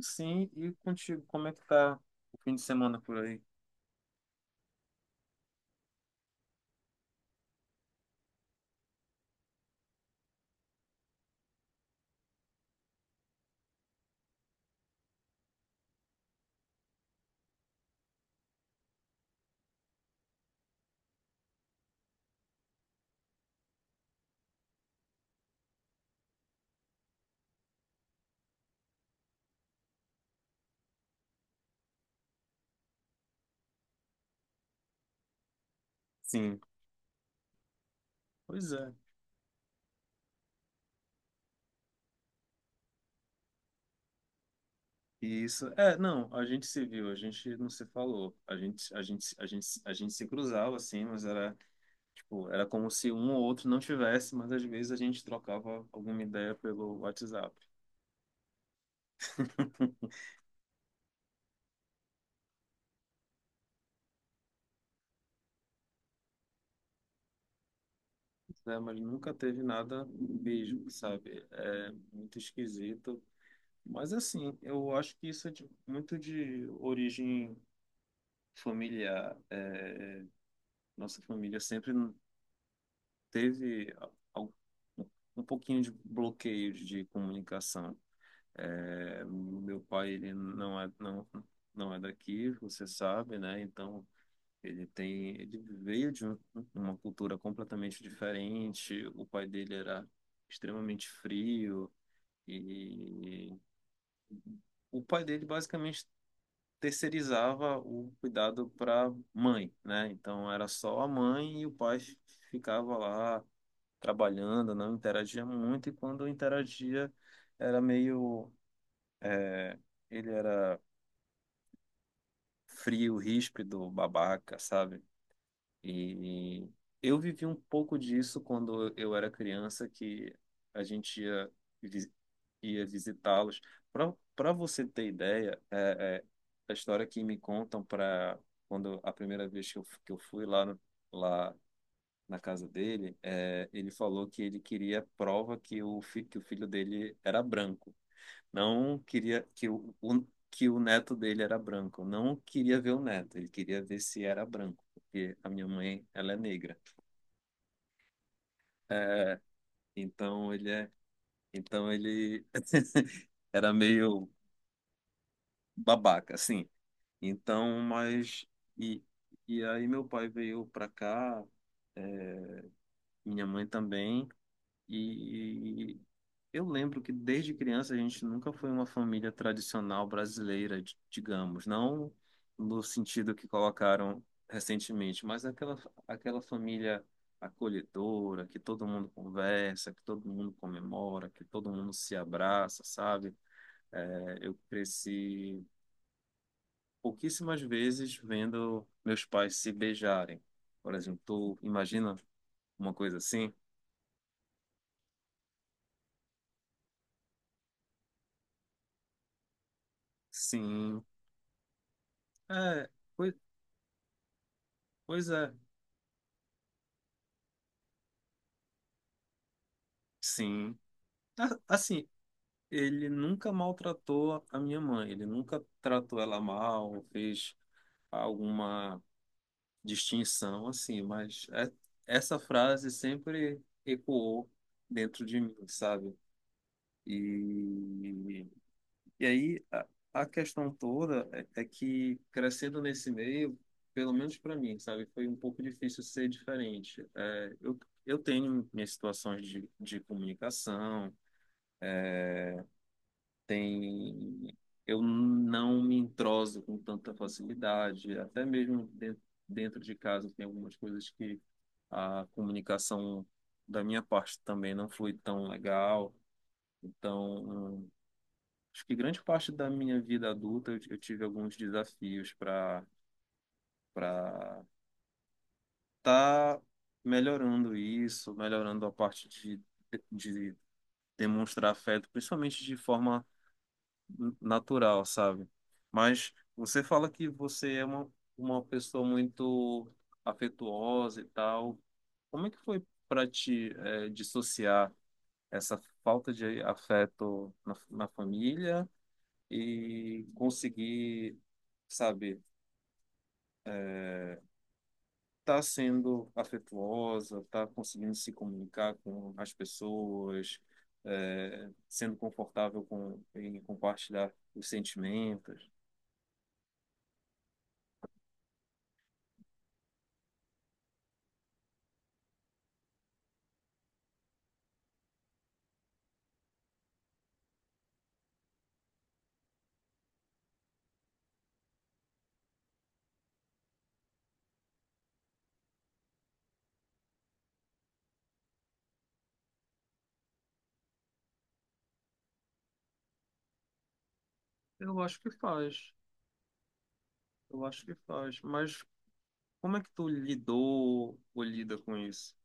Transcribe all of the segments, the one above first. Sim, e contigo, como é que tá o fim de semana por aí? Sim, pois é. E isso, é, não, a gente se viu, a gente não se falou, a gente se cruzava assim, mas era, tipo, era como se um ou outro não tivesse, mas às vezes a gente trocava alguma ideia pelo WhatsApp. É, mas nunca teve nada mesmo, sabe? É muito esquisito. Mas assim, eu acho que isso é muito de origem familiar. É, nossa família sempre teve al- um pouquinho de bloqueio de comunicação. É, meu pai, ele não é daqui, você sabe, né? Então, ele tem, ele veio de uma cultura completamente diferente. O pai dele era extremamente frio e o pai dele basicamente terceirizava o cuidado para mãe, né? Então, era só a mãe e o pai ficava lá trabalhando, não interagia muito, e quando interagia era meio. É, ele era frio, ríspido, babaca, sabe? E eu vivi um pouco disso quando eu era criança, que a gente ia, vi- ia visitá-los. Para você ter ideia, a história que me contam para quando a primeira vez que que eu fui lá no- lá na casa dele, é, ele falou que ele queria prova que que o filho dele era branco. Não queria que que o neto dele era branco. Não queria ver o neto, ele queria ver se era branco, porque a minha mãe, ela é negra. É, é, então ele era meio babaca, assim. Então, mas e, e aí meu pai veio pra cá, minha mãe também. E eu lembro que desde criança a gente nunca foi uma família tradicional brasileira, digamos, não no sentido que colocaram recentemente, mas aquela, aquela família acolhedora, que todo mundo conversa, que todo mundo comemora, que todo mundo se abraça, sabe? É, eu cresci pouquíssimas vezes vendo meus pais se beijarem. Por exemplo, tu imagina uma coisa assim? Sim. É, pois pois é, sim. Assim, ele nunca maltratou a minha mãe, ele nunca tratou ela mal, fez alguma distinção assim, mas essa frase sempre ecoou dentro de mim, sabe? E, e aí a questão toda é, é que crescendo nesse meio, pelo menos para mim, sabe, foi um pouco difícil ser diferente. É, eu tenho minhas situações de comunicação, tem eu não me entroso com tanta facilidade, até mesmo dentro de casa tem algumas coisas que a comunicação da minha parte também não foi tão legal. Então, hum, acho que grande parte da minha vida adulta eu tive alguns desafios para para tá melhorando isso, melhorando a parte de demonstrar afeto, principalmente de forma natural, sabe? Mas você fala que você é uma pessoa muito afetuosa e tal. Como é que foi para te dissociar essa falta de afeto na, na família e conseguir, sabe, tá sendo afetuosa, tá conseguindo se comunicar com as pessoas, sendo confortável com, em compartilhar os sentimentos? Eu acho que faz. Eu acho que faz, mas como é que tu lidou ou lida com isso?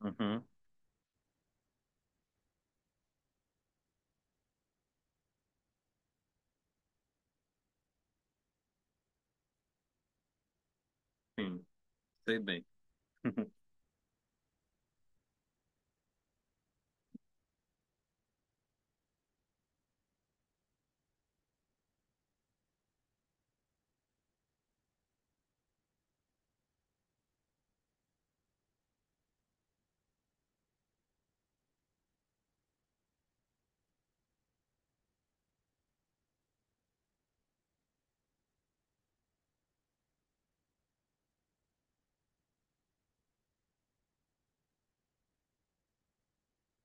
Uhum, sim, sei bem.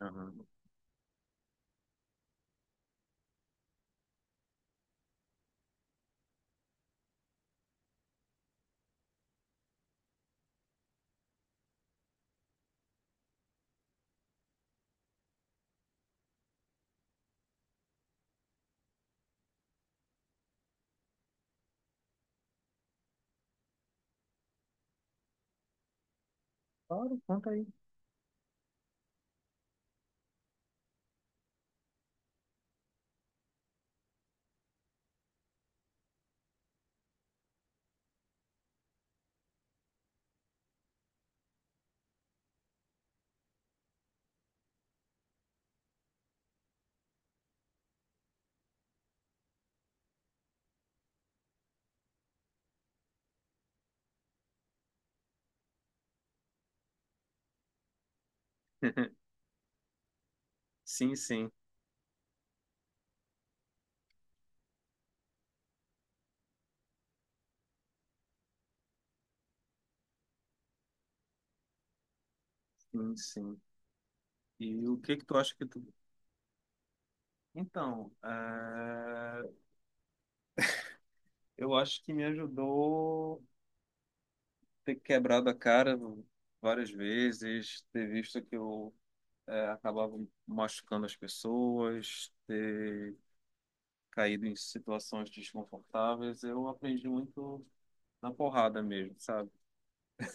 Aham. Claro, conta aí. Sim, sim, sim, sim. E o que que tu acha que tu... Então, eu acho que me ajudou ter quebrado a cara várias vezes, ter visto que eu acabava machucando as pessoas, ter caído em situações desconfortáveis. Eu aprendi muito na porrada mesmo, sabe?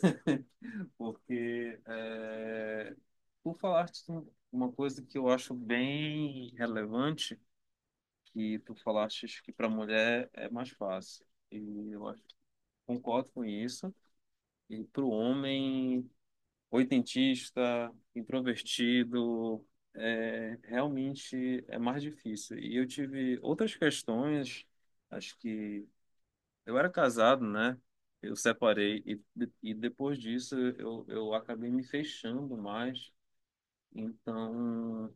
Porque, é, tu falaste uma coisa que eu acho bem relevante, que tu falaste que para mulher é mais fácil. E eu acho, concordo com isso. E para o homem oitentista, introvertido, é, realmente é mais difícil. E eu tive outras questões, acho que eu era casado, né? Eu separei e depois disso eu acabei me fechando mais. Então,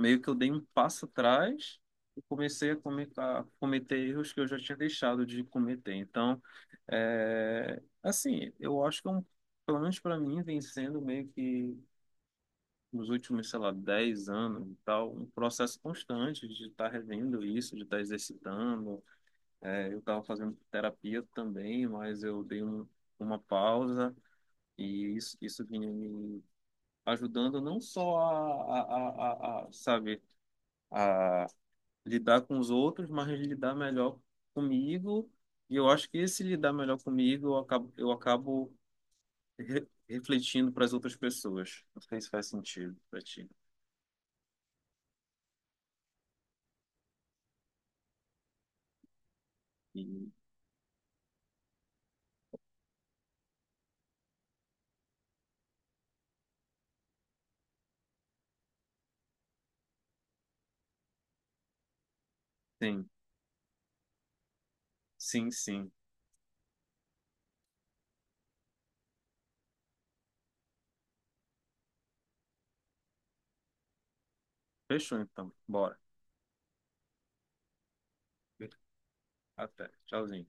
meio que eu dei um passo atrás e comecei a a cometer erros que eu já tinha deixado de cometer. Então, é, assim, eu acho que é um, pelo menos para mim vem sendo meio que nos últimos, sei lá, 10 anos e tal, um processo constante de estar revendo isso, de estar exercitando, é, eu estava fazendo terapia também, mas eu dei um, uma pausa e isso vinha me ajudando não só sabe, a lidar com os outros, mas lidar melhor comigo. E eu acho que esse lidar melhor comigo, eu acabo refletindo para as outras pessoas. Não sei se faz sentido para ti. E, sim, sim, sim. Fechou então. Bora. Até. Tchauzinho.